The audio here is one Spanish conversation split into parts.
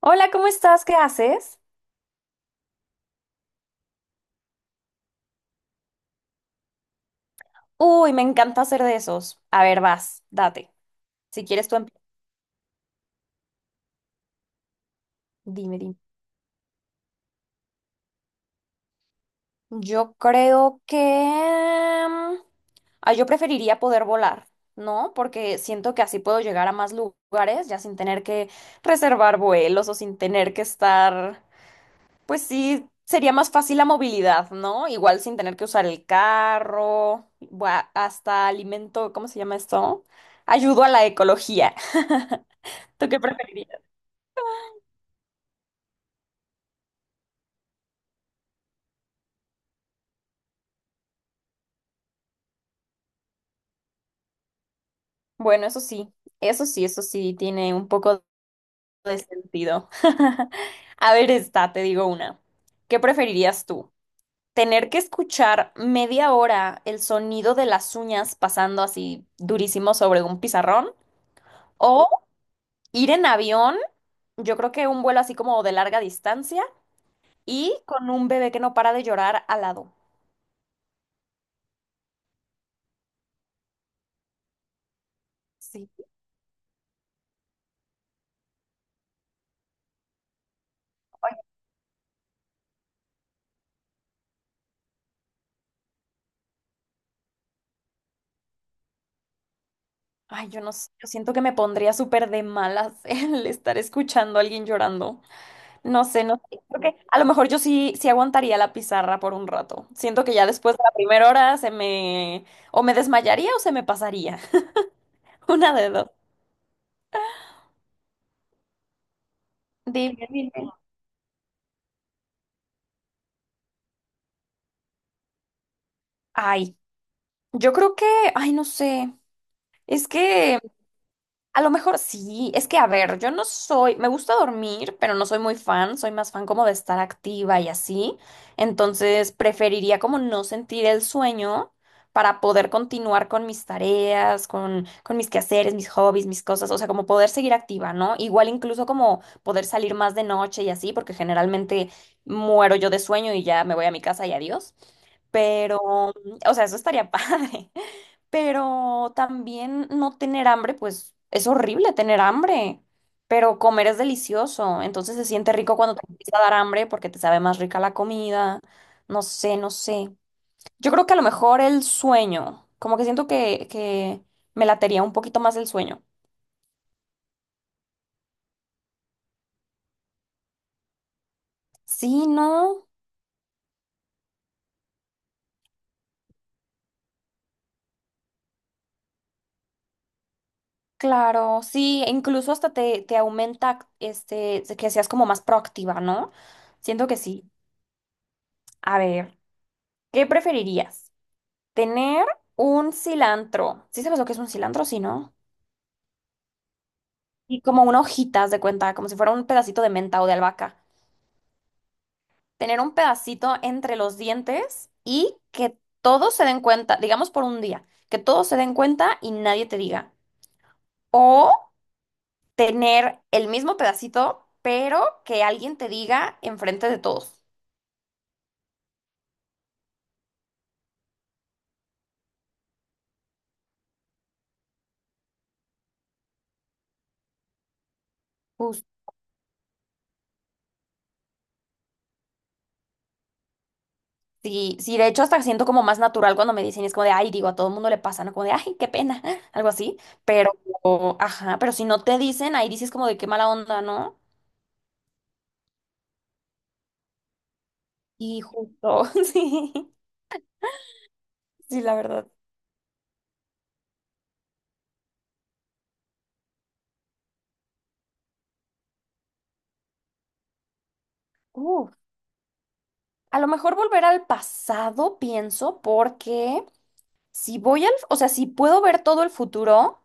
Hola, ¿cómo estás? ¿Qué haces? Uy, me encanta hacer de esos. A ver, vas, date. Si quieres tú empieza. Dime. Yo creo que... mm, Ah, yo preferiría poder volar, ¿no? Porque siento que así puedo llegar a más lugares ya sin tener que reservar vuelos o sin tener que estar... Pues sí, sería más fácil la movilidad, ¿no? Igual sin tener que usar el carro, bua- hasta alimento, ¿cómo se llama esto? Ayudo a la ecología. ¿Tú qué preferirías? Bueno, eso sí, eso sí, eso sí tiene un poco de sentido. A ver, esta, te digo una. ¿Qué preferirías tú? ¿Tener que escuchar media hora el sonido de las uñas pasando así durísimo sobre un pizarrón? ¿O ir en avión? Yo creo que un vuelo así como de larga distancia y con un bebé que no para de llorar al lado. Sí. Ay, ay, yo no sé, yo siento que me pondría súper de malas el estar escuchando a alguien llorando. No sé, no sé. Creo que a lo mejor yo sí, sí aguantaría la pizarra por un rato. Siento que ya después de la primera hora se me... o me desmayaría o se me pasaría. Una de dos. Dime. Ay, yo creo que... Ay, no sé. Es que a lo mejor sí, es que a ver, yo no soy, me gusta dormir, pero no soy muy fan, soy más fan como de estar activa y así, entonces preferiría como no sentir el sueño para poder continuar con mis tareas, con mis quehaceres, mis hobbies, mis cosas, o sea, como poder seguir activa, ¿no? Igual incluso como poder salir más de noche y así, porque generalmente muero yo de sueño y ya me voy a mi casa y adiós, pero, o sea, eso estaría padre, pero también no tener hambre, pues es horrible tener hambre, pero comer es delicioso, entonces se siente rico cuando te empieza a dar hambre porque te sabe más rica la comida, no sé, no sé. Yo creo que a lo mejor el sueño, como que siento que me latería un poquito más el sueño. Sí, ¿no? Claro, sí, e incluso hasta te aumenta este, que seas como más proactiva, ¿no? Siento que sí. A ver, ¿qué preferirías? Tener un cilantro. ¿Sí sabes lo que es un cilantro? Sí, ¿no? Y como una hojita, haz de cuenta, como si fuera un pedacito de menta o de albahaca. Tener un pedacito entre los dientes y que todos se den cuenta, digamos por un día, que todos se den cuenta y nadie te diga. O tener el mismo pedacito, pero que alguien te diga enfrente de todos. Sí, sí, de hecho hasta siento como más natural cuando me dicen, y es como de, ay, digo, a todo el mundo le pasa, ¿no? Como de, ay, qué pena, algo así, pero, ajá, pero si no te dicen, ahí dices como de qué mala onda, ¿no? Y justo, sí, sí, la verdad. Uf. A lo mejor volver al pasado, pienso, porque si voy al, o sea, si puedo ver todo el futuro.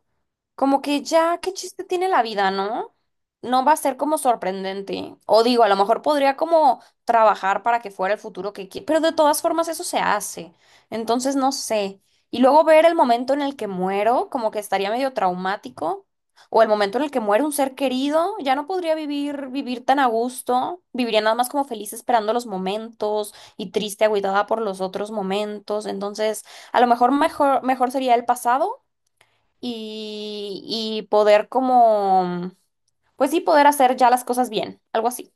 Como que ya, ¿qué chiste tiene la vida, no? No va a ser como sorprendente. O digo, a lo mejor podría como trabajar para que fuera el futuro que quiere, pero de todas formas eso se hace. Entonces no sé. Y luego ver el momento en el que muero, como que estaría medio traumático. O el momento en el que muere un ser querido, ya no podría vivir, vivir tan a gusto. Viviría nada más como feliz esperando los momentos y triste, agüitada por los otros momentos. Entonces, a lo mejor mejor, mejor sería el pasado y poder como, pues sí, poder hacer ya las cosas bien, algo así.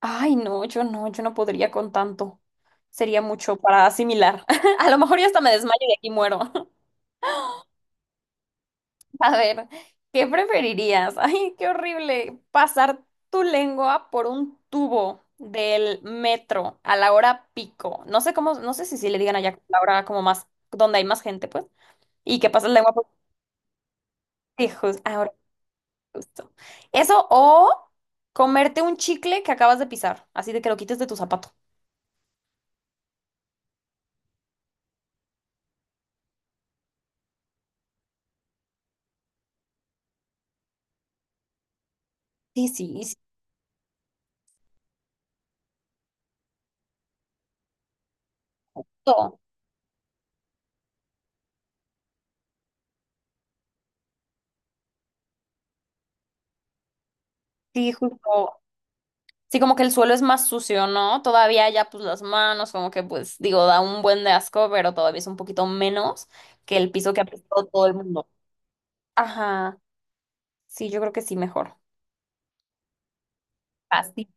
Ay, no, yo no, yo no podría con tanto. Sería mucho para asimilar. A lo mejor ya hasta me desmayo y aquí muero. A ver, ¿qué preferirías? Ay, qué horrible. Pasar tu lengua por un tubo del metro a la hora pico. No sé cómo, no sé si, si le digan allá la hora como más, donde hay más gente, pues. Y que pasas la lengua por... Hijos, justo. Eso o comerte un chicle que acabas de pisar, así de que lo quites de tu zapato. Sí, sí, sí, justo. Sí, justo. Sí, como que el suelo es más sucio, ¿no? Todavía ya pues las manos, como que pues digo, da un buen de asco, pero todavía es un poquito menos que el piso que ha pisado todo el mundo. Ajá. Sí, yo creo que sí, mejor. Así.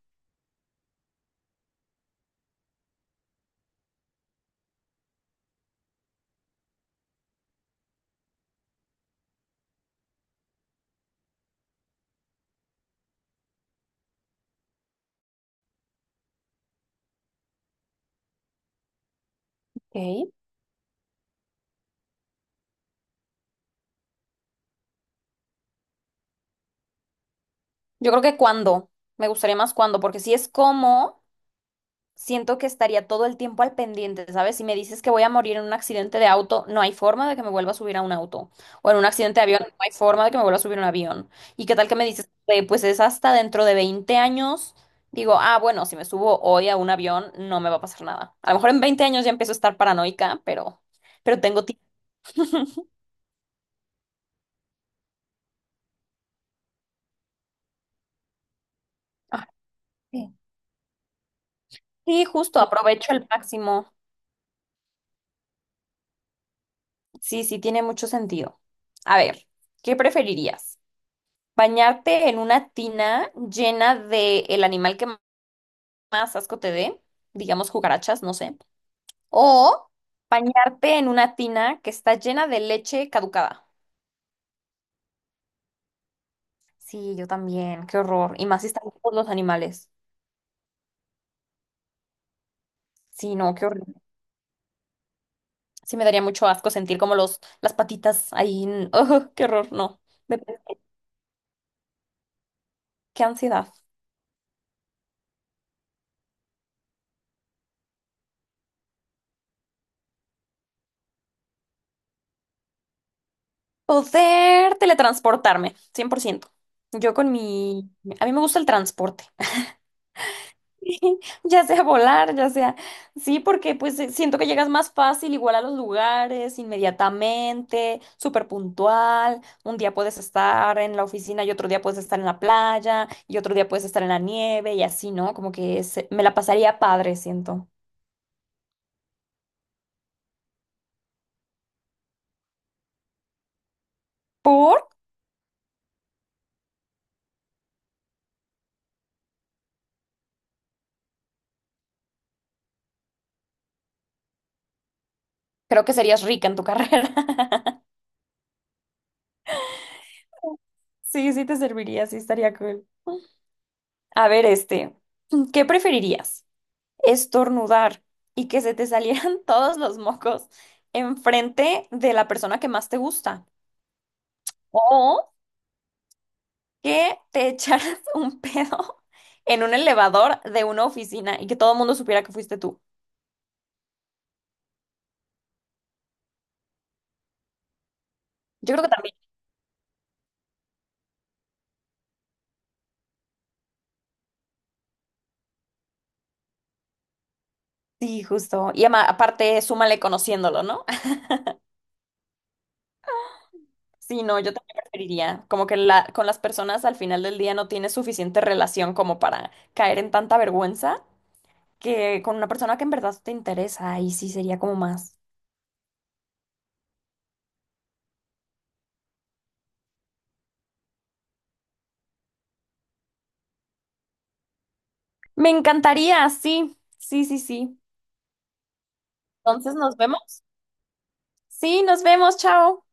Ok. Yo creo que cuando. Me gustaría más cuando, porque si es como siento que estaría todo el tiempo al pendiente, ¿sabes? Si me dices que voy a morir en un accidente de auto, no hay forma de que me vuelva a subir a un auto. O en un accidente de avión, no hay forma de que me vuelva a subir a un avión. ¿Y qué tal que me dices, pues es hasta dentro de 20 años? Digo, ah, bueno, si me subo hoy a un avión, no me va a pasar nada. A lo mejor en 20 años ya empiezo a estar paranoica, pero tengo tiempo. Ah, sí. Sí, justo, aprovecho al máximo. Sí, sí, tiene mucho sentido. A ver, ¿qué preferirías? Bañarte en una tina llena de el animal que más asco te dé, digamos cucarachas, no sé. O bañarte en una tina que está llena de leche caducada. Sí, yo también, qué horror. Y más si están todos los animales. Sí, no, qué horror. Sí, me daría mucho asco sentir como los, las patitas ahí. N- Ugh, qué horror, no. Me- qué ansiedad. Poder teletransportarme, cien por ciento. Yo con mi... A mí me gusta el transporte. Ya sea volar, ya sea, sí, porque pues siento que llegas más fácil, igual a los lugares, inmediatamente, súper puntual, un día puedes estar en la oficina y otro día puedes estar en la playa y otro día puedes estar en la nieve y así, ¿no? Como que se- me la pasaría padre, siento. ¿Por? Creo que serías rica en tu carrera. Sí, sí te serviría, sí estaría cool. A ver, este, ¿qué preferirías? Estornudar y que se te salieran todos los mocos enfrente de la persona que más te gusta. O que te echaras un pedo en un elevador de una oficina y que todo el mundo supiera que fuiste tú. Yo creo que también. Sí, justo. Y ama- aparte, súmale conociéndolo, ¿no? Sí, no, yo también preferiría. Como que la, con las personas al final del día no tienes suficiente relación como para caer en tanta vergüenza que con una persona que en verdad te interesa. Y sí sería como más. Me encantaría, sí, sí, sí, sí. Entonces nos vemos. Sí, nos vemos, chao.